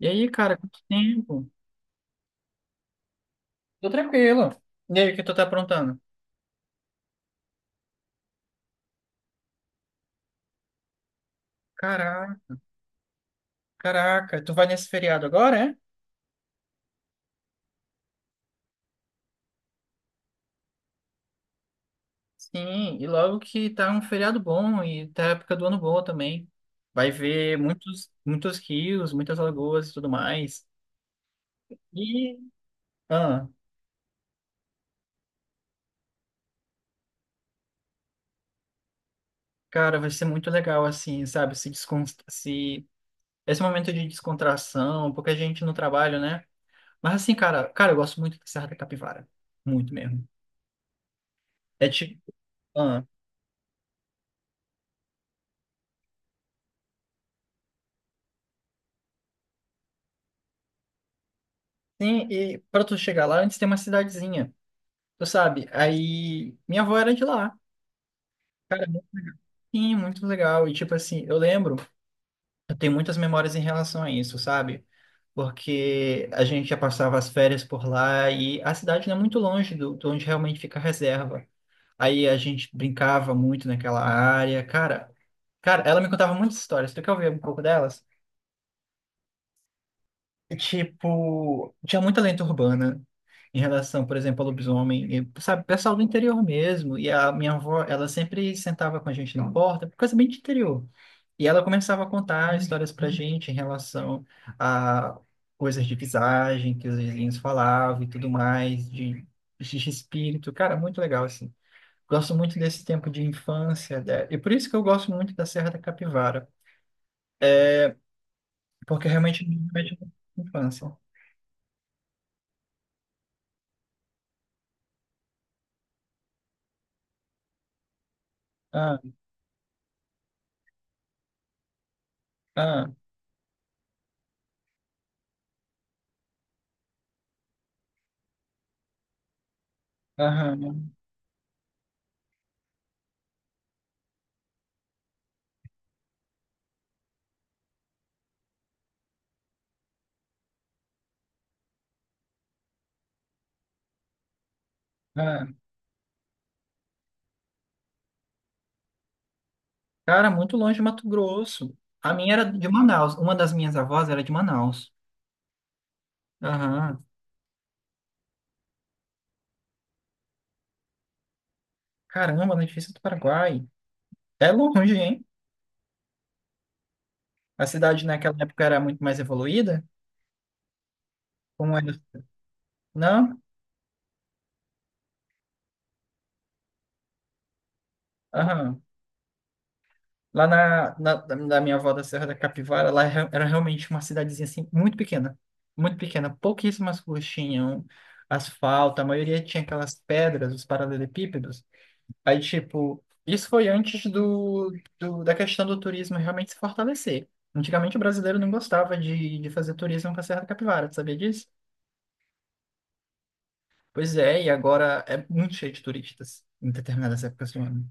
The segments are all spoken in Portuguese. E aí, cara, quanto tempo? Tô tranquilo. E aí, o que tu tá aprontando? Caraca, tu vai nesse feriado agora, é? Sim, e logo que tá um feriado bom e tá a época do ano boa também. Vai ver muitos rios, muitas lagoas e tudo mais. E, ah, Cara, vai ser muito legal, assim, sabe? Se descon... se... Esse momento de descontração, porque a gente no trabalho, né? Mas assim, cara, eu gosto muito de Serra da Capivara. Muito mesmo. É tipo. ah, Sim, e para tu chegar lá, antes tem uma cidadezinha, tu sabe? Aí minha avó era de lá. Cara, sim, muito legal. E tipo assim, eu tenho muitas memórias em relação a isso, sabe? Porque a gente já passava as férias por lá e a cidade não é muito longe de onde realmente fica a reserva. Aí a gente brincava muito naquela área. Cara, ela me contava muitas histórias. Tu quer ouvir um pouco delas? Tipo, tinha muita lenda urbana em relação, por exemplo, ao lobisomem, e, sabe, pessoal do interior mesmo. E a minha avó, ela sempre sentava com a gente na porta, coisa bem de interior. E ela começava a contar histórias pra gente em relação a coisas de visagem que os vizinhos falavam e tudo mais, de espírito. Cara, muito legal, assim. Gosto muito desse tempo de infância, né? E por isso que eu gosto muito da Serra da Capivara, porque realmente me remete à infância. Ah, ah, aham. É, cara, muito longe de Mato Grosso. A minha era de Manaus. Uma das minhas avós era de Manaus. Aham. Caramba, na divisa do Paraguai. É longe, hein? A cidade naquela época era muito mais evoluída. Como era? Não? Aham. Lá na, na, da da minha avó da Serra da Capivara, lá era realmente uma cidadezinha assim, muito pequena. Muito pequena. Pouquíssimas ruas tinham asfalto. A maioria tinha aquelas pedras, os paralelepípedos. Aí, tipo, isso foi antes da questão do turismo realmente se fortalecer. Antigamente o brasileiro não gostava de fazer turismo com a Serra da Capivara, tu sabia disso? Pois é, e agora é muito cheio de turistas em determinadas épocas do ano.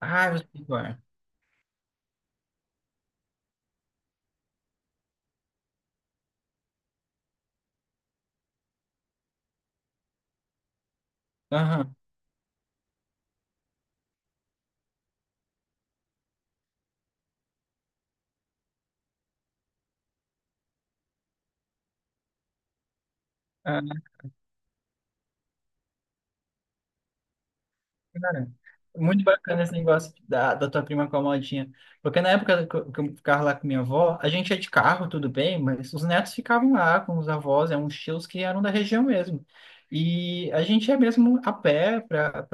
Ah, eu sei qual é. Aham. Cara, muito bacana esse negócio da tua prima com a modinha. Porque na época que eu ficava lá com minha avó, a gente ia de carro, tudo bem, mas os netos ficavam lá com os avós, eram uns tios que eram da região mesmo. E a gente ia mesmo a pé para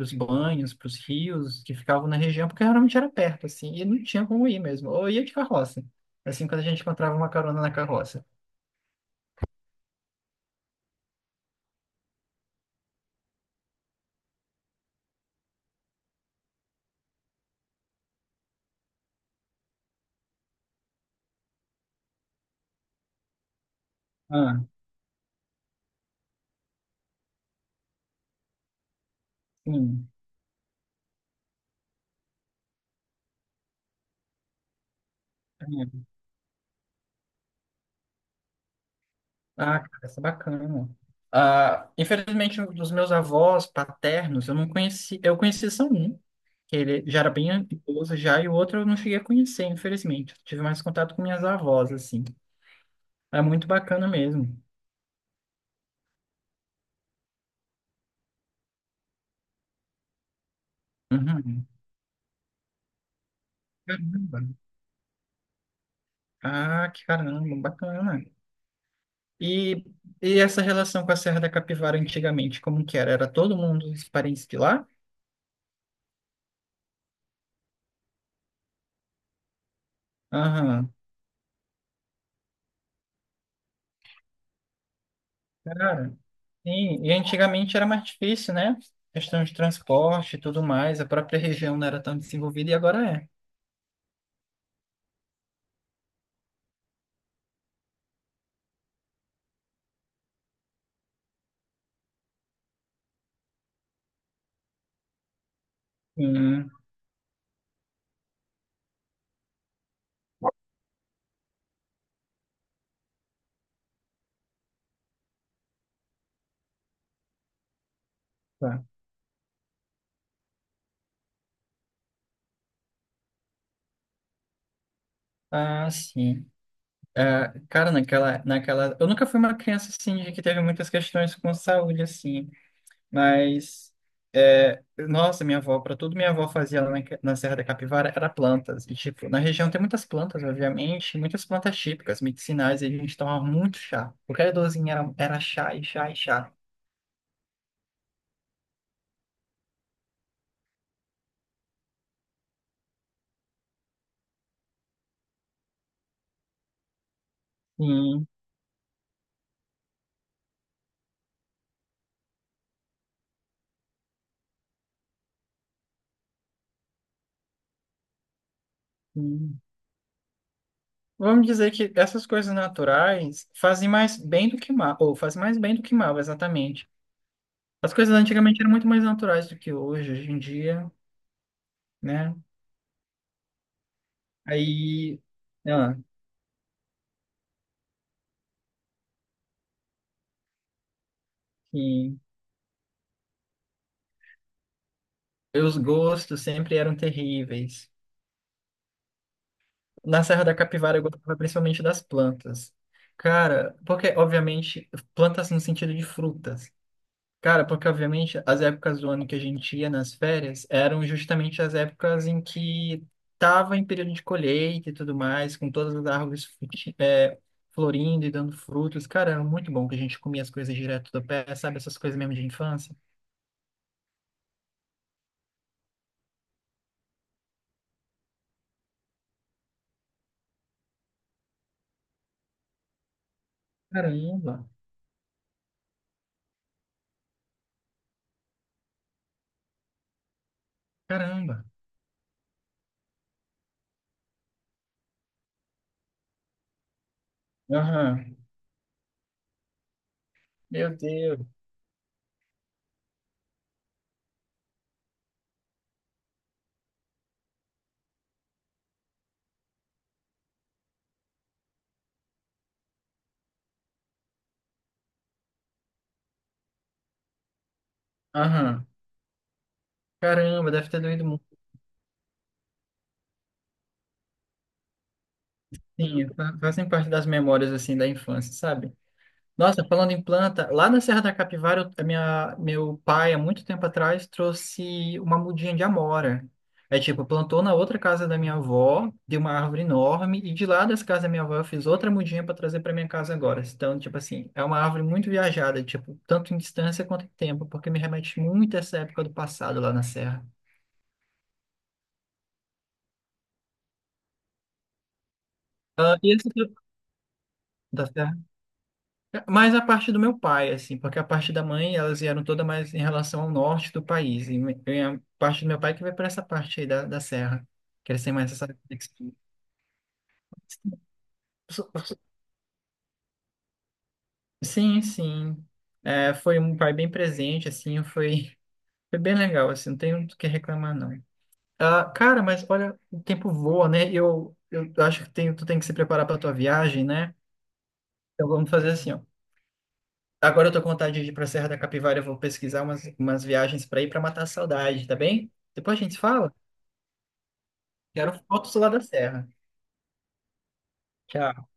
os banhos, para os rios que ficavam na região, porque realmente era perto, assim, e não tinha como ir mesmo. Ou ia de carroça, assim, quando a gente encontrava uma carona na carroça. Ah, sim. Ah, cara, isso é bacana. Ah, infelizmente, um dos meus avós paternos, eu não conheci. Eu conheci só um, que ele já era bem idoso já, e o outro eu não cheguei a conhecer, infelizmente. Eu tive mais contato com minhas avós, assim. É muito bacana mesmo. Uhum. Caramba. Ah, que caramba, bacana. E, e essa relação com a Serra da Capivara antigamente, como que era? Era todo mundo os parentes de lá? Aham. Cara, sim, e antigamente era mais difícil, né? Questão de transporte e tudo mais, a própria região não era tão desenvolvida e agora é. Sim, tá. Ah, sim. Ah, cara, naquela. Eu nunca fui uma criança assim de que teve muitas questões com saúde, assim, mas. É, nossa, minha avó, para tudo minha avó fazia lá na Serra da Capivara era plantas. E, tipo, na região tem muitas plantas, obviamente, muitas plantas típicas, medicinais, e a gente tomava muito chá. Qualquer dorzinha era chá e chá e chá. Sim. Hum. Vamos dizer que essas coisas naturais fazem mais bem do que mal, ou fazem mais bem do que mal, exatamente. As coisas antigamente eram muito mais naturais do que hoje em dia, né? Aí, ah, sim. Os gostos sempre eram terríveis. Na Serra da Capivara eu gostava principalmente das plantas. Cara, porque obviamente plantas no sentido de frutas. Cara, porque obviamente as épocas do ano que a gente ia nas férias eram justamente as épocas em que tava em período de colheita e tudo mais, com todas as árvores florindo e dando frutos. Cara, era muito bom que a gente comia as coisas direto do pé, sabe? Essas coisas mesmo de infância. Caramba, caramba. Aham. Meu Deus. Aham. Caramba, deve ter doído muito. Sim, fazem parte das memórias assim da infância, sabe? Nossa, falando em planta, lá na Serra da Capivara, meu pai, há muito tempo atrás, trouxe uma mudinha de amora. É tipo, plantou na outra casa da minha avó, deu uma árvore enorme, e de lá dessa casa da minha avó eu fiz outra mudinha para trazer para minha casa agora. Então, tipo assim, é uma árvore muito viajada, tipo, tanto em distância quanto em tempo, porque me remete muito a essa época do passado lá na Serra. Ah, e esse, mas a parte do meu pai, assim, porque a parte da mãe, elas vieram toda mais em relação ao norte do país. E a parte do meu pai que vai para essa parte aí da serra, que eles têm mais essa... conexão. So- so- Sim, sim. É, foi um pai bem presente, assim, foi bem legal, assim, não tenho do que reclamar, não. Ah, cara, mas olha, o tempo voa, né? Eu acho que tem, tu tem que se preparar para tua viagem, né? Então vamos fazer assim, ó. Agora eu tô com vontade de ir pra Serra da Capivara, eu vou pesquisar umas viagens para ir para matar a saudade, tá bem? Depois a gente fala. Quero fotos lá da serra. Tchau.